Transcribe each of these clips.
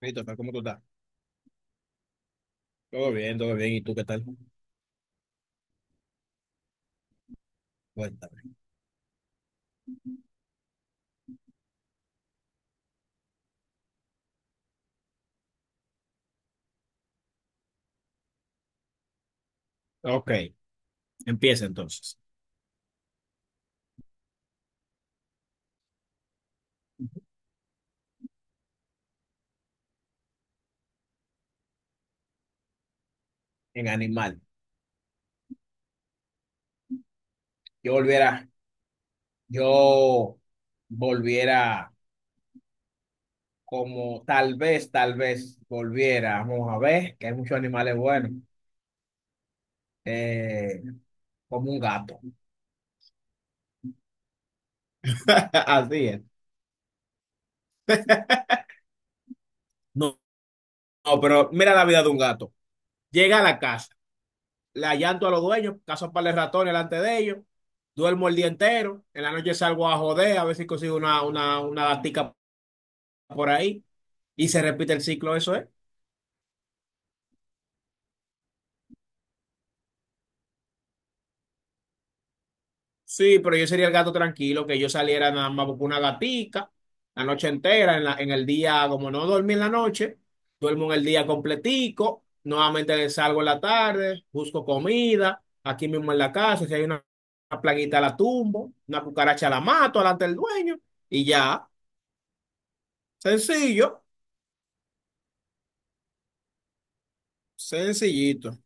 Hey, total, ¿cómo tú estás? Todo bien, todo bien. ¿Y tú qué tal? Cuéntame. Ok, empieza entonces. En animal. Yo volviera, yo volviera como tal vez volviera. Vamos a ver, que hay muchos animales buenos. Eh, como un gato. Así es. No, no, pero mira la vida de un gato. Llega a la casa, la llanto a los dueños, caso para el ratón delante de ellos, duermo el día entero, en la noche salgo a joder, a ver si consigo una gatica por ahí y se repite el ciclo, eso es. Sí, pero yo sería el gato tranquilo, que yo saliera nada más por una gatica la noche entera, en el día, como no dormí en la noche, duermo en el día completico, nuevamente salgo en la tarde, busco comida, aquí mismo en la casa, si hay una plaguita la tumbo, una cucaracha la mato delante del dueño y ya, sencillo, sencillito.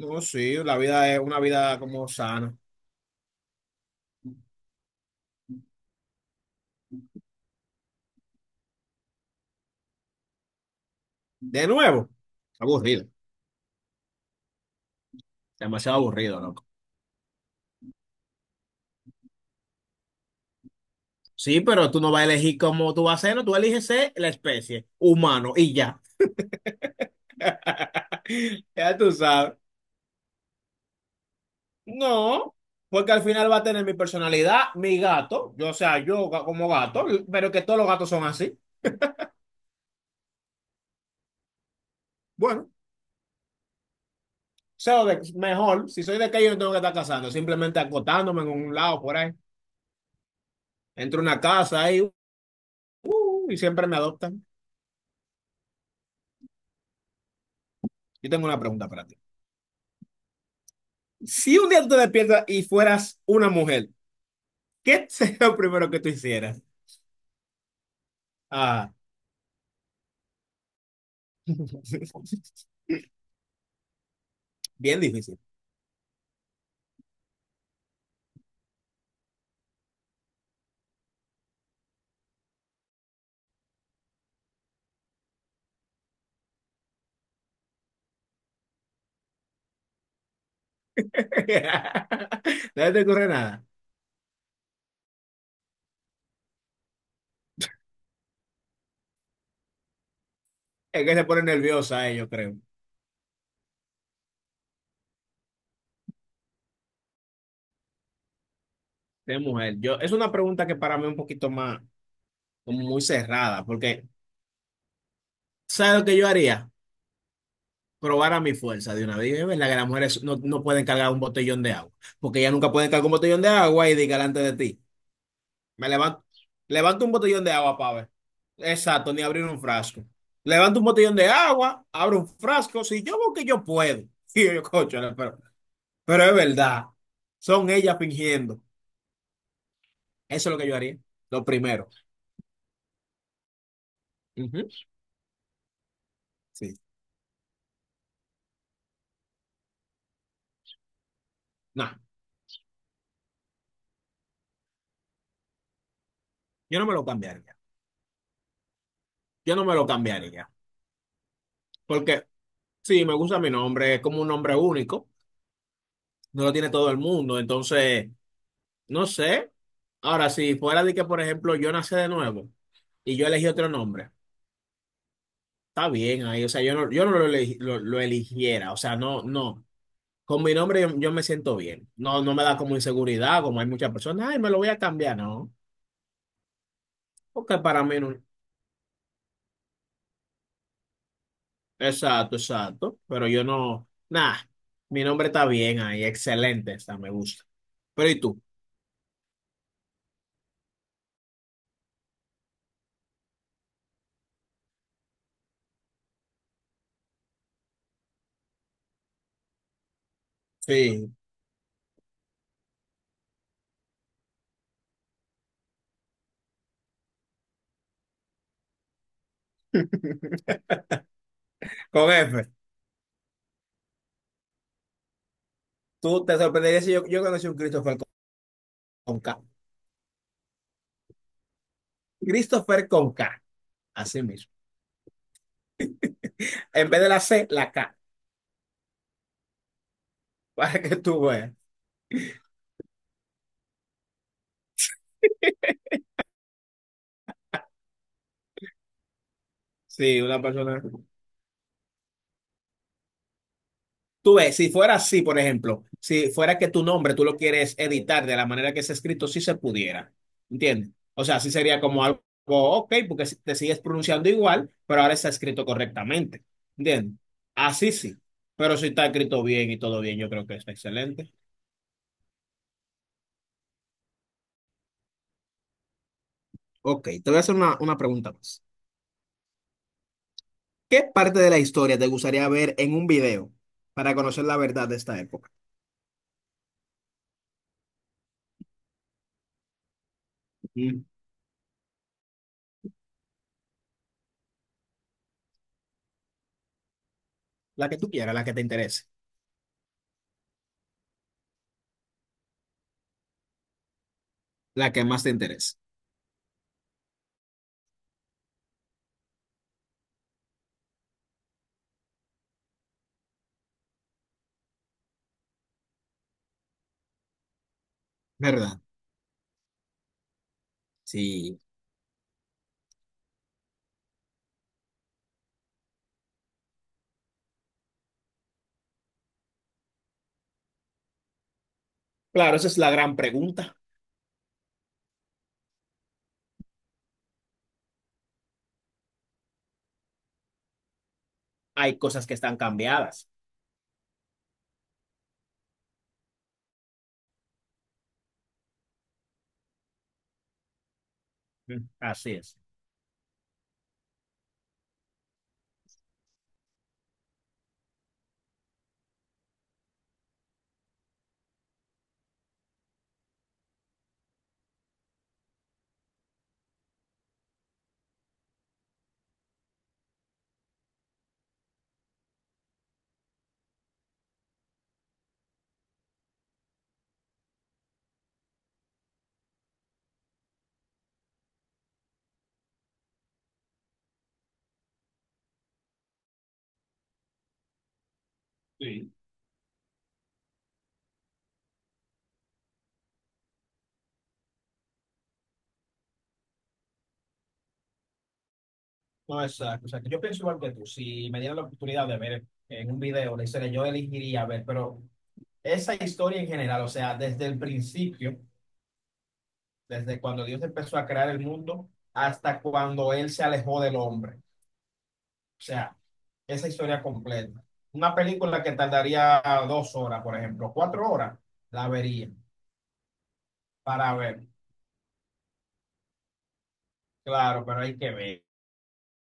No, sí, la vida es una vida como sana. De nuevo, aburrido, demasiado aburrido, ¿no? Sí, pero tú no vas a elegir cómo tú vas a ser, no, tú eliges ser la especie, humano, y ya. Ya tú sabes. No, porque al final va a tener mi personalidad, mi gato, yo, o sea, como gato, pero que todos los gatos son así. Bueno, mejor, si soy de que yo no tengo que estar casando, simplemente acotándome en un lado por ahí. Entro a una casa ahí, y siempre me adoptan. Yo tengo una pregunta para ti. Si un día tú te despiertas y fueras una mujer, ¿qué sería lo primero que tú hicieras? Ah. Bien difícil. No se te ocurre nada. Es que se pone nerviosa, yo creo. De mujer. Yo, es una pregunta que para mí es un poquito más, como muy cerrada, porque ¿sabes lo que yo haría? Probar a mi fuerza de una vez. Es verdad que las mujeres no, no pueden cargar un botellón de agua, porque ellas nunca pueden cargar un botellón de agua y diga delante de ti. Me levanto, levanto un botellón de agua para ver. Exacto, ni abrir un frasco. Levanto un botellón de agua, abro un frasco, si yo veo que yo puedo. Y yo, cocho, pero es verdad, son ellas fingiendo. Eso es lo que yo haría, lo primero. Ujú, sí. No, yo no me lo cambiaría. Yo no me lo cambiaría. Porque sí, me gusta mi nombre, es como un nombre único, no lo tiene todo el mundo. Entonces, no sé. Ahora, si fuera de que, por ejemplo, yo nací de nuevo y yo elegí otro nombre, está bien ahí. O sea, yo no, lo eligiera. O sea, no, no. Con mi nombre yo, yo me siento bien. No, no me da como inseguridad, como hay muchas personas. Ay, me lo voy a cambiar. No, porque para mí no. Exacto, exacto. Pero yo no, nada, mi nombre está bien ahí, excelente está, me gusta. Pero ¿y tú? Sí, con F. Tú te sorprenderías si yo, yo conocí un Christopher con K. Christopher con K, así mismo. En vez de la C, la K, para que tú veas. Sí, una persona. Tú ves, si fuera así, por ejemplo, si fuera que tu nombre tú lo quieres editar de la manera que es escrito, sí se pudiera, ¿entiendes? O sea, sí sería como algo, ok, porque si- te sigues pronunciando igual, pero ahora está escrito correctamente, ¿entiendes? Así sí, pero si está escrito bien y todo bien, yo creo que está excelente. Ok, te voy a hacer una pregunta más. ¿Qué parte de la historia te gustaría ver en un video para conocer la verdad de esta época? Mm, la que tú quieras, la que te interese. La que más te interese, ¿verdad? Sí. Claro, esa es la gran pregunta. Hay cosas que están cambiadas. Mm, así es. Sí. No, exacto. O sea, que yo pienso igual que tú. Si me dieran la oportunidad de ver en un video la historia, yo elegiría ver, pero esa historia en general, o sea, desde el principio, desde cuando Dios empezó a crear el mundo hasta cuando Él se alejó del hombre. O sea, esa historia completa. Una película que tardaría 2 horas, por ejemplo, 4 horas, la vería para ver. Claro, pero hay que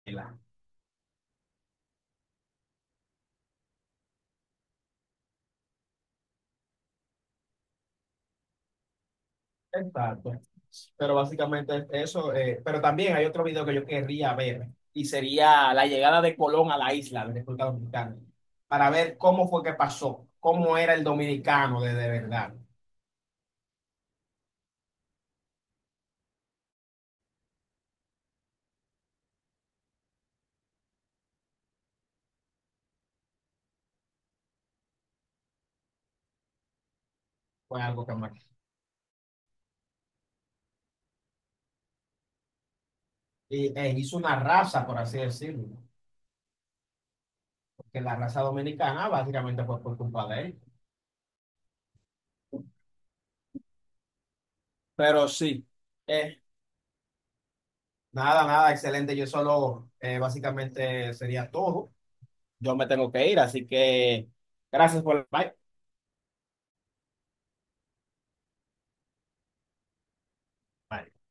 verla. Exacto. Pero básicamente es eso. Pero también hay otro video que yo querría ver y sería la llegada de Colón a la isla de República Dominicana para ver cómo fue que pasó, cómo era el dominicano de verdad. Fue algo que me- Y, hizo una raza, por así decirlo, porque la raza dominicana básicamente fue por culpa de él. Pero sí, eh, nada, nada, excelente. Yo solo básicamente sería todo. Yo me tengo que ir, así que gracias por el bye. Bye.